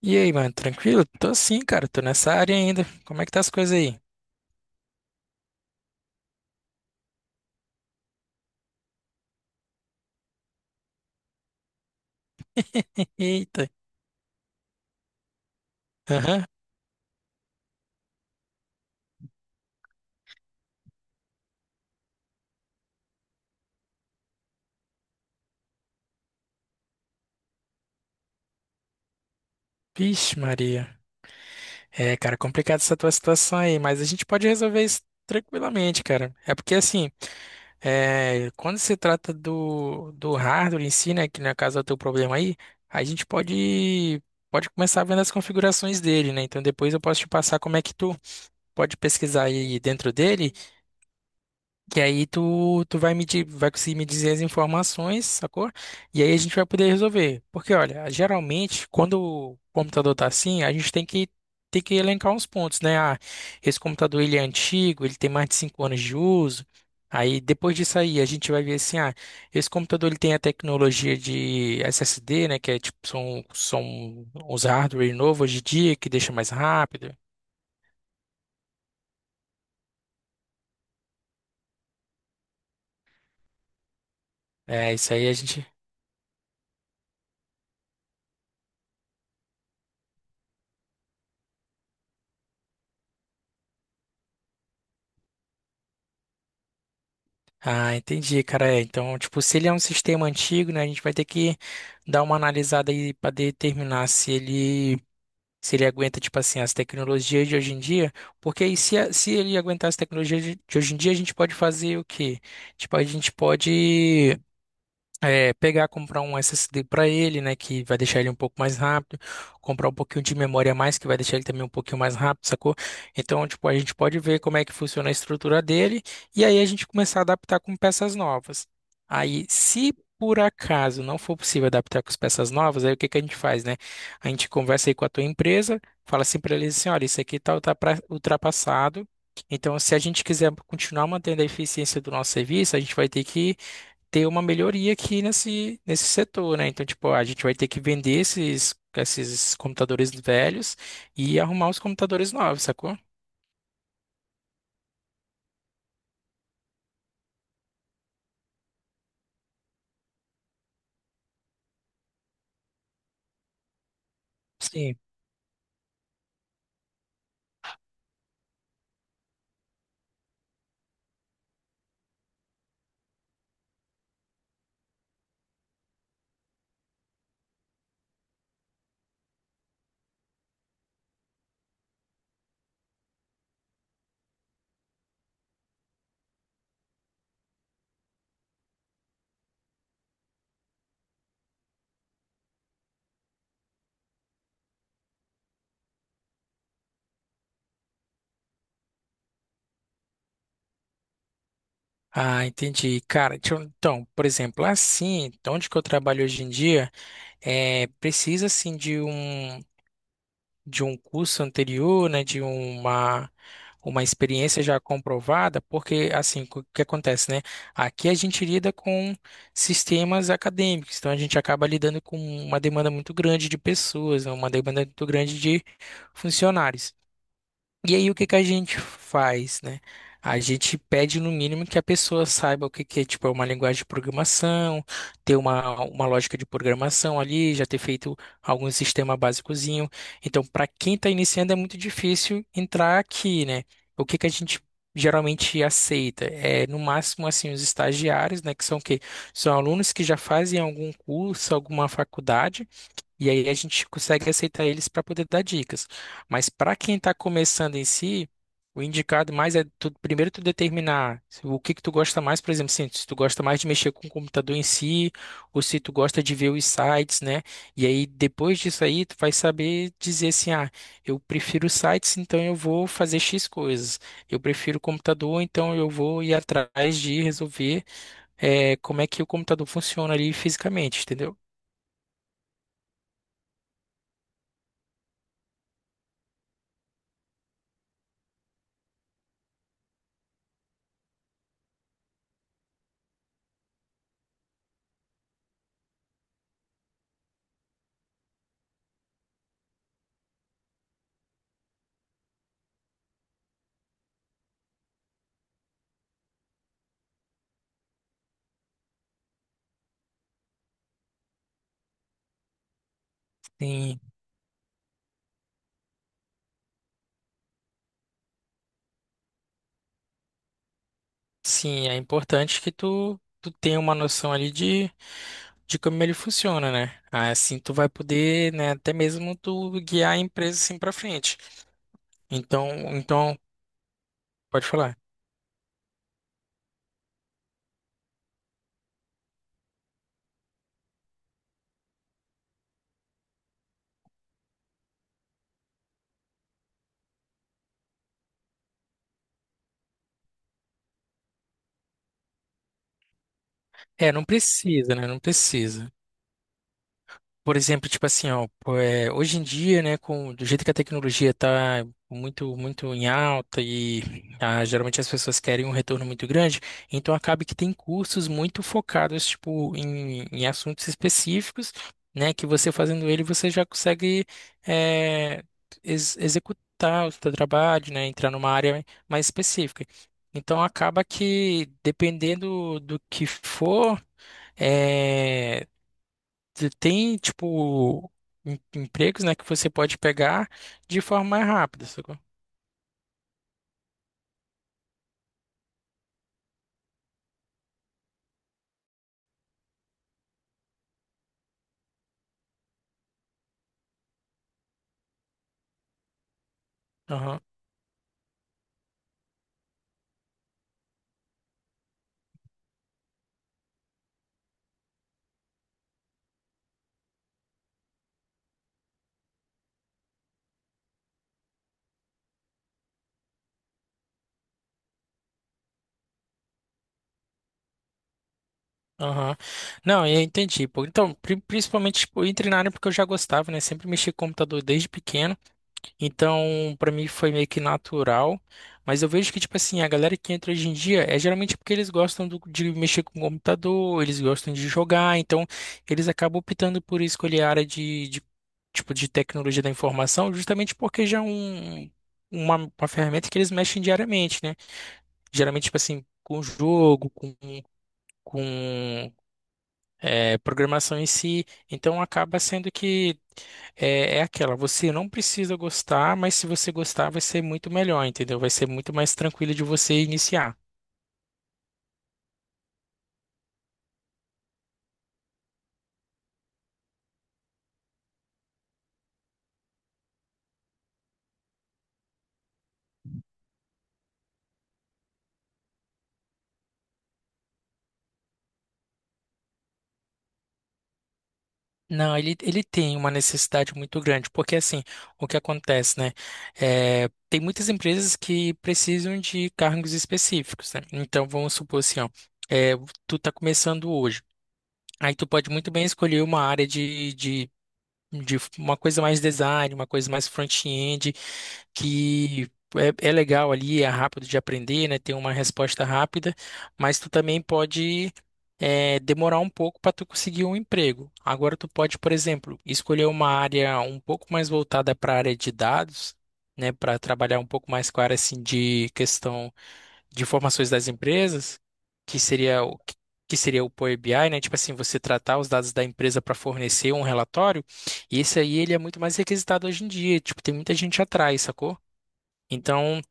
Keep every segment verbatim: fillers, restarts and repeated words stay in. E aí, mano, tranquilo? Tô sim, cara, tô nessa área ainda. Como é que tá as coisas aí? Eita. Aham. Vixe, Maria. É, cara, complicado essa tua situação aí, mas a gente pode resolver isso tranquilamente, cara. É porque assim, é, quando se trata do, do hardware em si, né, que no caso é o teu problema aí, a gente pode pode começar vendo as configurações dele, né? Então depois eu posso te passar como é que tu pode pesquisar aí dentro dele. Que aí tu, tu vai me, di- vai conseguir me dizer as informações, sacou? E aí a gente vai poder resolver. Porque, olha, geralmente, quando o computador tá assim, a gente tem que, tem que elencar uns pontos, né? Ah, esse computador ele é antigo, ele tem mais de cinco anos de uso. Aí, depois disso aí, a gente vai ver assim, ah, esse computador ele tem a tecnologia de É S D, né? Que é tipo, são, são uns hardware novos hoje em dia, que deixa mais rápido. É, isso aí a gente. Ah, entendi, cara. É, então, tipo, se ele é um sistema antigo, né, a gente vai ter que dar uma analisada aí para determinar se ele se ele aguenta, tipo assim, as tecnologias de hoje em dia. Porque aí, se, a- se ele aguentar as tecnologias de de hoje em dia, a gente pode fazer o quê? Tipo, a gente pode é, pegar, comprar um É S D para ele, né, que vai deixar ele um pouco mais rápido, comprar um pouquinho de memória a mais, que vai deixar ele também um pouquinho mais rápido, sacou? Então, tipo, a gente pode ver como é que funciona a estrutura dele e aí a gente começar a adaptar com peças novas. Aí, se por acaso não for possível adaptar com as peças novas, aí o que que a gente faz, né? A gente conversa aí com a tua empresa, fala assim para eles assim, olha, isso aqui tá ultrapra- ultrapassado. Então, se a gente quiser continuar mantendo a eficiência do nosso serviço, a gente vai ter que ter uma melhoria aqui nesse, nesse setor, né? Então, tipo, a gente vai ter que vender esses, esses computadores velhos e arrumar os computadores novos, sacou? Sim. Ah, entendi. Cara, deixa eu- então, por exemplo, assim, onde que eu trabalho hoje em dia, é, precisa, assim, de um. De um curso anterior, né, de uma uma experiência já comprovada, porque assim, o que acontece, né? Aqui a gente lida com sistemas acadêmicos, então a gente acaba lidando com uma demanda muito grande de pessoas, né, uma demanda muito grande de funcionários. E aí o que que a gente faz, né? A gente pede no mínimo que a pessoa saiba o que que é, tipo, é uma linguagem de programação, ter uma, uma lógica de programação ali, já ter feito algum sistema básicozinho. Então, para quem está iniciando é muito difícil entrar aqui, né? O que que a gente geralmente aceita é no máximo assim os estagiários, né, que são o quê? São alunos que já fazem algum curso, alguma faculdade e aí a gente consegue aceitar eles para poder dar dicas. Mas para quem está começando em si, o indicado mais é tu- primeiro tu determinar se- o que que tu gosta mais, por exemplo, assim, se tu gosta mais de mexer com o computador em si, ou se tu gosta de ver os sites, né? E aí depois disso aí tu vai saber dizer assim, ah, eu prefiro sites, então eu vou fazer X coisas. Eu prefiro computador, então eu vou ir atrás de resolver eh, como é que o computador funciona ali fisicamente, entendeu? Tem sim, é importante que tu, tu tenha uma noção ali de, de como ele funciona, né? Ah, assim tu vai poder, né, até mesmo tu guiar a empresa assim pra frente. Então, então, pode falar. É, não precisa, né? Não precisa. Por exemplo, tipo assim, ó, pô, é, hoje em dia, né, com do jeito que a tecnologia tá muito muito em alta e ah, geralmente as pessoas querem um retorno muito grande, então acaba que tem cursos muito focados tipo em, em assuntos específicos, né, que você fazendo ele você já consegue é, ex- executar o seu trabalho, né, entrar numa área mais específica. Então acaba que dependendo do que for é, você tem, tipo, em- empregos, né, que você pode pegar de forma mais rápida, sacou? Aham, aham. Não, eu entendi, pô. Então, pri- principalmente, tipo, eu entrei na área porque eu já gostava, né? Sempre mexi com computador desde pequeno. Então, pra mim foi meio que natural, mas eu vejo que, tipo assim, a galera que entra hoje em dia é geralmente porque eles gostam do- de mexer com o computador, eles gostam de jogar, então eles acabam optando por escolher a área de, de, tipo, de tecnologia da informação, justamente porque já é um, uma, uma ferramenta que eles mexem diariamente, né? Geralmente, tipo assim, com jogo, com, com é, programação em si, então acaba sendo que é, é aquela, você não precisa gostar, mas se você gostar, vai ser muito melhor, entendeu? Vai ser muito mais tranquilo de você iniciar. Não, ele, ele tem uma necessidade muito grande, porque assim, o que acontece, né? É, tem muitas empresas que precisam de cargos específicos, né? Então, vamos supor assim, ó, é, tu tá começando hoje. Aí tu pode muito bem escolher uma área de, de, de uma coisa mais design, uma coisa mais front-end, que é, é legal ali, é rápido de aprender, né? Tem uma resposta rápida, mas tu também pode é, demorar um pouco para tu conseguir um emprego. Agora tu pode, por exemplo, escolher uma área um pouco mais voltada para a área de dados, né? Para trabalhar um pouco mais com a área assim, de questão de informações das empresas, que seria o que seria o Power B I, né? Tipo assim, você tratar os dados da empresa para fornecer um relatório, e esse aí ele é muito mais requisitado hoje em dia, tipo, tem muita gente atrás, sacou? Então,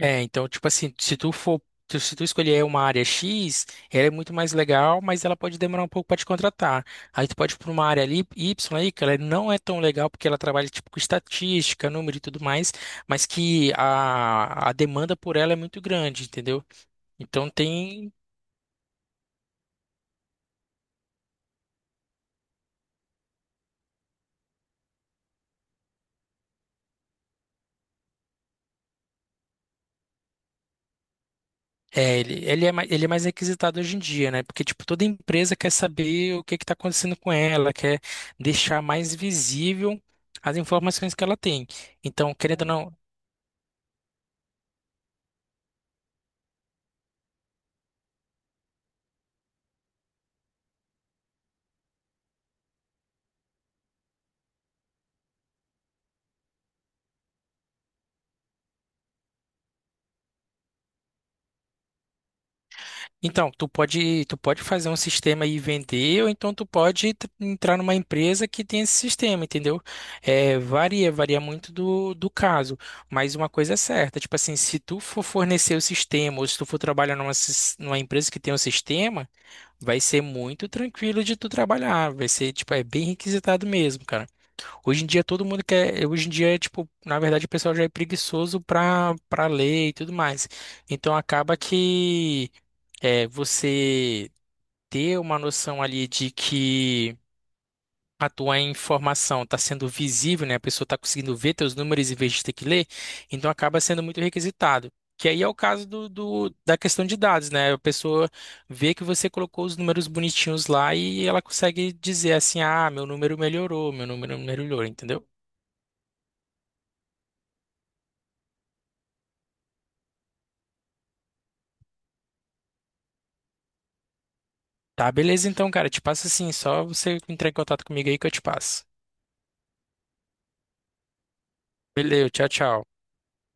é, então tipo assim, se tu for tu- se tu escolher uma área X, ela é muito mais legal, mas ela pode demorar um pouco para te contratar. Aí tu pode ir para uma área ali, Y aí, que ela não é tão legal porque ela trabalha tipo com estatística, número e tudo mais, mas que a, a demanda por ela é muito grande, entendeu? Então tem. É, ele, ele é mais, ele é mais requisitado hoje em dia, né? Porque, tipo, toda empresa quer saber o que que está acontecendo com ela, quer deixar mais visível as informações que ela tem. Então, querendo ou não, então, tu pode, tu pode fazer um sistema e vender, ou então tu pode tr- entrar numa empresa que tem esse sistema, entendeu? É, varia, varia muito do, do caso. Mas uma coisa é certa, tipo assim, se tu for fornecer o sistema, ou se tu for trabalhar numa, sis- numa empresa que tem um sistema, vai ser muito tranquilo de tu trabalhar. Vai ser, tipo, é bem requisitado mesmo, cara. Hoje em dia todo mundo quer. Hoje em dia, tipo, na verdade, o pessoal já é preguiçoso pra, pra ler e tudo mais. Então acaba que é você ter uma noção ali de que a tua informação está sendo visível, né? A pessoa está conseguindo ver teus números em vez de ter que ler, então acaba sendo muito requisitado. Que aí é o caso do, do- da questão de dados, né? A pessoa vê que você colocou os números bonitinhos lá e ela consegue dizer assim, ah, meu número melhorou, meu número melhorou, entendeu? Tá, beleza então, cara, te passo assim, só você entrar em contato comigo aí que eu te passo. Beleza, tchau, tchau.